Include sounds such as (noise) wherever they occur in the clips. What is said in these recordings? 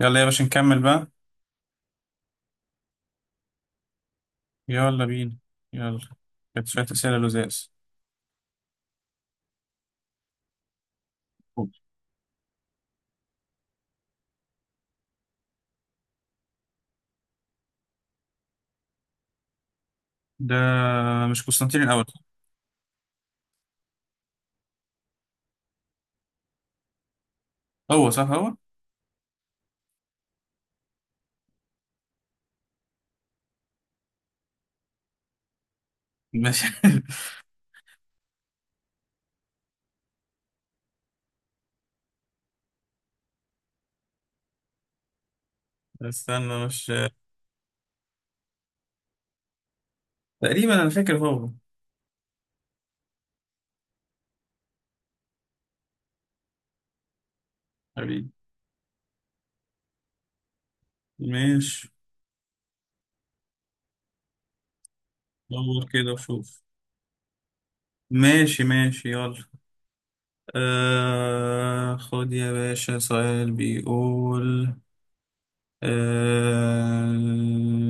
يلا يا باشا نكمل بقى. يلا بينا. يلا، كانت شوية أسئلة لزاز. ده مش قسطنطين الأول؟ هو، صح هو. ماشي. (laughs) استنى، مش تقريبا أنا فاكر هو. حبيبي ماشي. دور كده وشوف. ماشي ماشي يلا. خد يا باشا سؤال بيقول. آه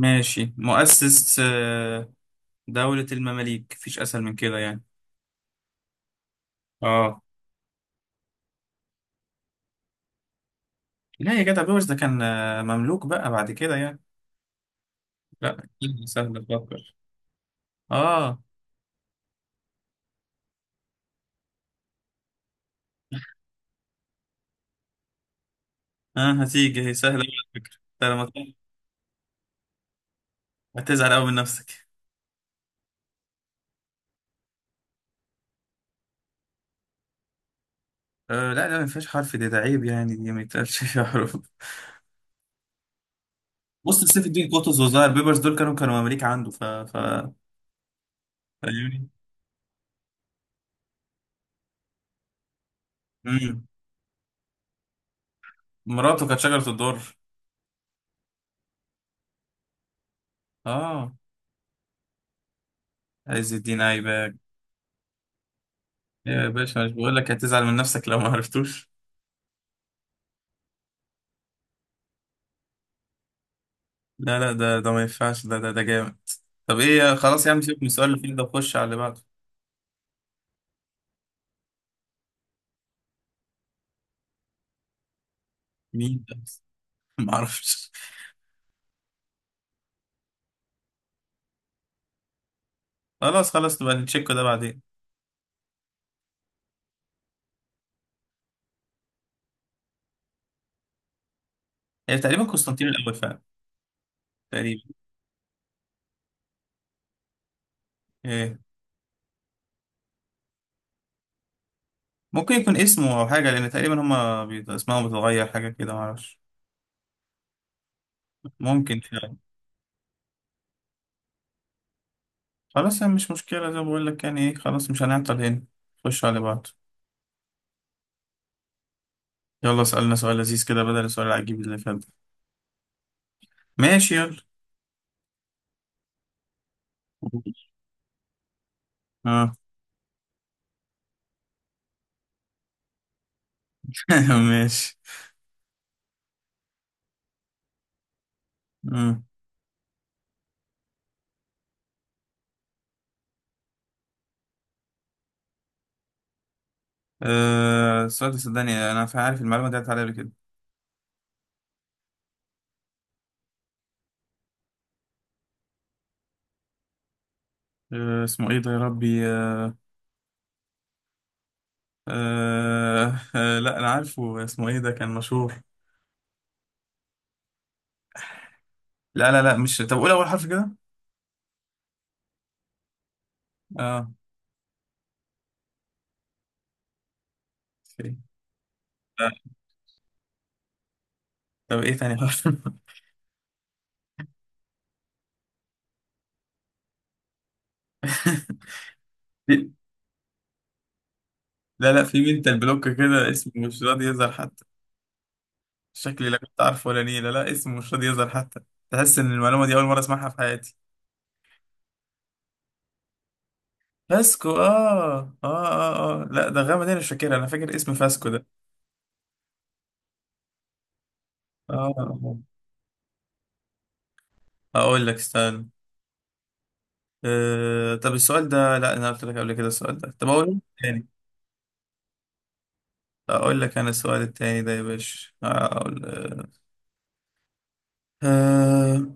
ماشي، مؤسس دولة المماليك، مفيش أسهل من كده يعني. اه لا يا جدع، بيوش ده كان مملوك بقى بعد كده يعني. لا أكيد سهل تفكر. اه اه، هتيجي هي سهلة على فكرة انت لما تقول هتزعل قوي من نفسك. آه لا لا، ما فيهاش حرف دي، ده عيب يعني، دي ما يتقالش فيها حروف. بص سيف الدين قطز وظاهر بيبرس دول كانوا مماليك عنده ف فاهمني. امم مراته كانت شجرة الدر. اه، عز الدين ايبك. يا باشا مش بقول لك هتزعل من نفسك لو ما عرفتوش. لا لا ده ما ينفعش، ده جامد. طب ايه، خلاص يا عم سيبك من السؤال اللي فيه ده وخش على اللي بعده. مين ده؟ (laughs) ما اعرفش. خلاص خلاص نبقى نتشيك ده بعدين. يعني تقريبا قسطنطين الاول فعلا. تقريبا إيه. ممكن يكون اسمه او حاجه، لان تقريبا هما بيت اسمائهم بتتغير حاجه كده، ما اعرفش. ممكن فعلا. خلاص يعني مش مشكله زي ما بقول لك يعني، ايه خلاص مش هنعطل هنا. خش على بعض. يلا اسالنا سؤال لذيذ كده بدل السؤال العجيب اللي فات ده. ماشي يلا. اه. (laughs) ماشي. مم. السؤال ده صدقني انا عارف المعلومه دي، عدت عليا قبل كده. آه اسمه ايه ده يا ربي، آه آه لا انا عارفه، اسمه ايه ده، كان مشهور. لا لا لا مش، طب قول اول حرف كده. اه، في. لا. طب ايه تاني حرف؟ (laughs) في- لا لا، في منتال بلوك كده، اسمه مش راضي يظهر حتى. شكلي لا كنت عارفه ولا نيلة، لا اسمه مش راضي يظهر حتى. تحس ان المعلومه دي اول مره اسمعها في حياتي. فاسكو، اه اه اه اه، لا ده غامض انا مش فاكرها، انا فاكر اسم فاسكو ده. اه، اقول لك استنى. آه طب السؤال ده، لا انا قلت لك قبل كده السؤال ده، طب اقول لك. اقول لك انا السؤال التاني ده يا باشا، اقول أه.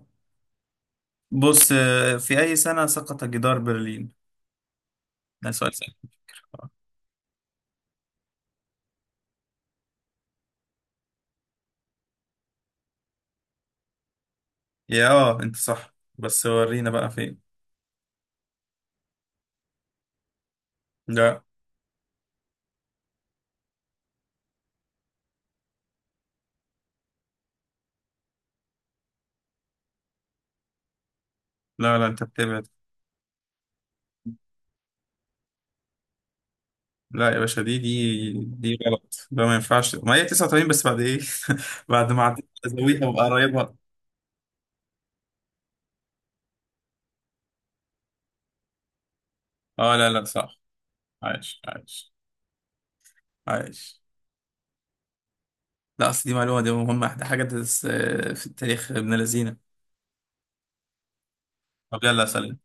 بص في اي سنة سقط جدار برلين؟ ده سؤال سهل. يا اه انت صح، بس ورينا بقى فين. لا لا لا انت بتبعد. لا يا باشا، دي غلط، ده ما ينفعش، ما هي 89 بس بعد ايه. (laughs) بعد ما عديت زاويها وقريبها. اه لا لا صح، عايش عايش عايش. لا اصل دي معلومة، دي مهمة، دي حاجة تدرس في التاريخ ابن لذينة. طب يلا سلام.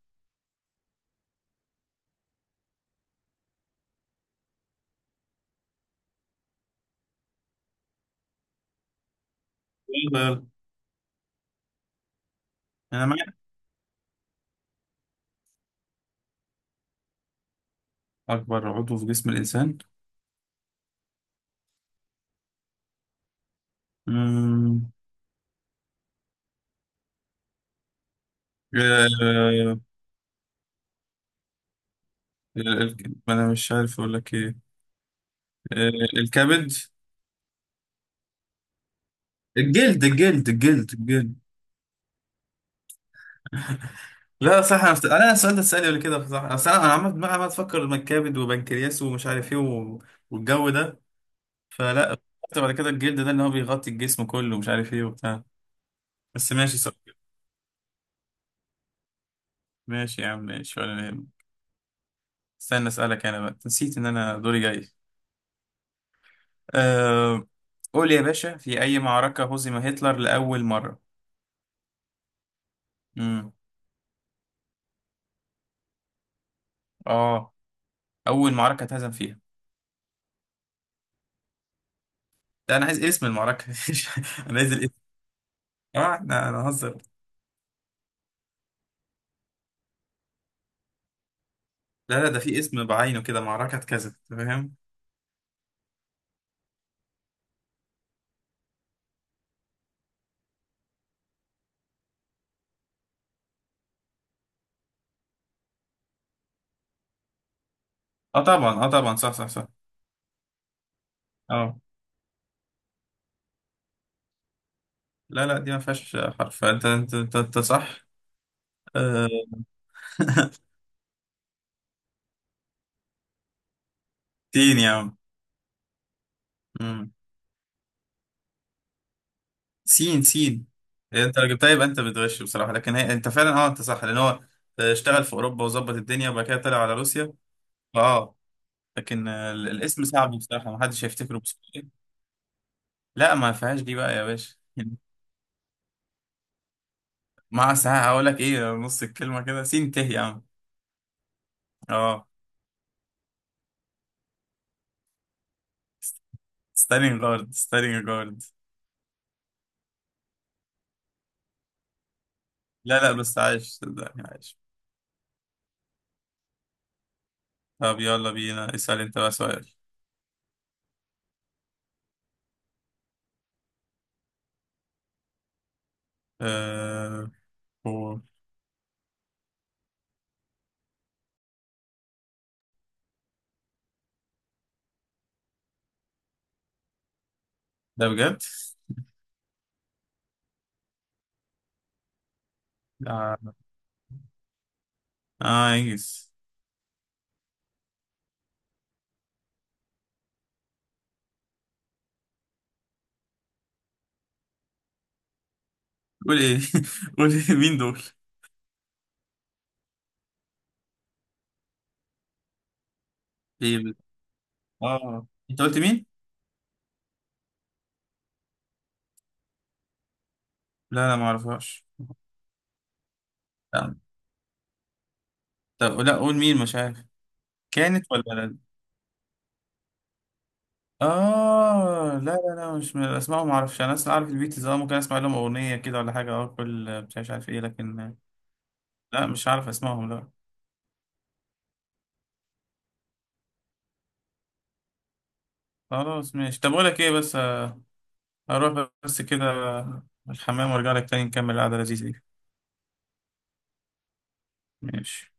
يلا يلا. انا معاك. أكبر عضو في جسم الإنسان؟ مم. آه، ما أنا مش عارف أقول لك إيه. آه، الكبد. الجلد الجلد. لا صح، أنا السؤال ده اتسألني قبل كده صح، أصل أنا عمال دماغي عمال تفكر، ما الكبد وبنكرياس ومش عارف إيه و والجو ده. فلا افتكرت بعد كده الجلد ده إن هو بيغطي الجسم كله ومش عارف إيه وبتاع. بس ماشي صح. ماشي يا عم ماشي، ولا يهمك. استنى أسألك، أنا بقى نسيت إن أنا دوري جاي. أه. قول يا باشا، في أي معركة هزم هتلر لأول مرة؟ امم اه، أول معركة اتهزم فيها. ده أنا عايز اسم المعركة، (laughs) أنا عايز الاسم. اه احنا أنا هزر. لا لا، ده في اسم بعينه كده، معركة كذا، أنت فاهم؟ اه طبعا اه طبعا صح صح صح. اه لا لا، دي ما فيهاش حرف. انت صح. أه. (laughs) سين يا عم. مم. سين سين. إيه، انت لو جبتها يبقى انت بتغش بصراحة، لكن هي انت فعلا، اه انت صح، لأن هو اشتغل في أوروبا وظبط الدنيا وبعد كده طلع على روسيا. اه لكن الاسم صعب بصراحة، ما حدش هيفتكره بسهولة. لا ما فيهاش دي بقى يا باشا. (laughs) مع ساعة هقول لك ايه، نص الكلمة كده، سين ته يا عم. اه، ستارينج جارد، ستارينج جارد. لا لا بس عايش، صدقني عايش. طب يلا بينا اسأل انت بقى سؤال. آه. هو. ده بجد؟ اه. انجز. قول ايه، (laughs) قول ايه مين دول؟ ايه بس؟ اه انت قلت مين؟ لا لا ما اعرفهاش. لا. طب لا قول، مين مش عارف؟ كانت ولا لا؟ اه لا لا لا مش من الاسماء، ما اعرفش، انا اصلا عارف البيتلز، اه ممكن اسمع لهم اغنيه كده ولا حاجه، اه كل مش عارف عارف ايه، لكن لا مش عارف اسمائهم لا. خلاص ماشي، طب اقول لك ايه بس، اروح بس كده الحمام وارجع لك تاني نكمل القعده اللذيذه دي. ماشي.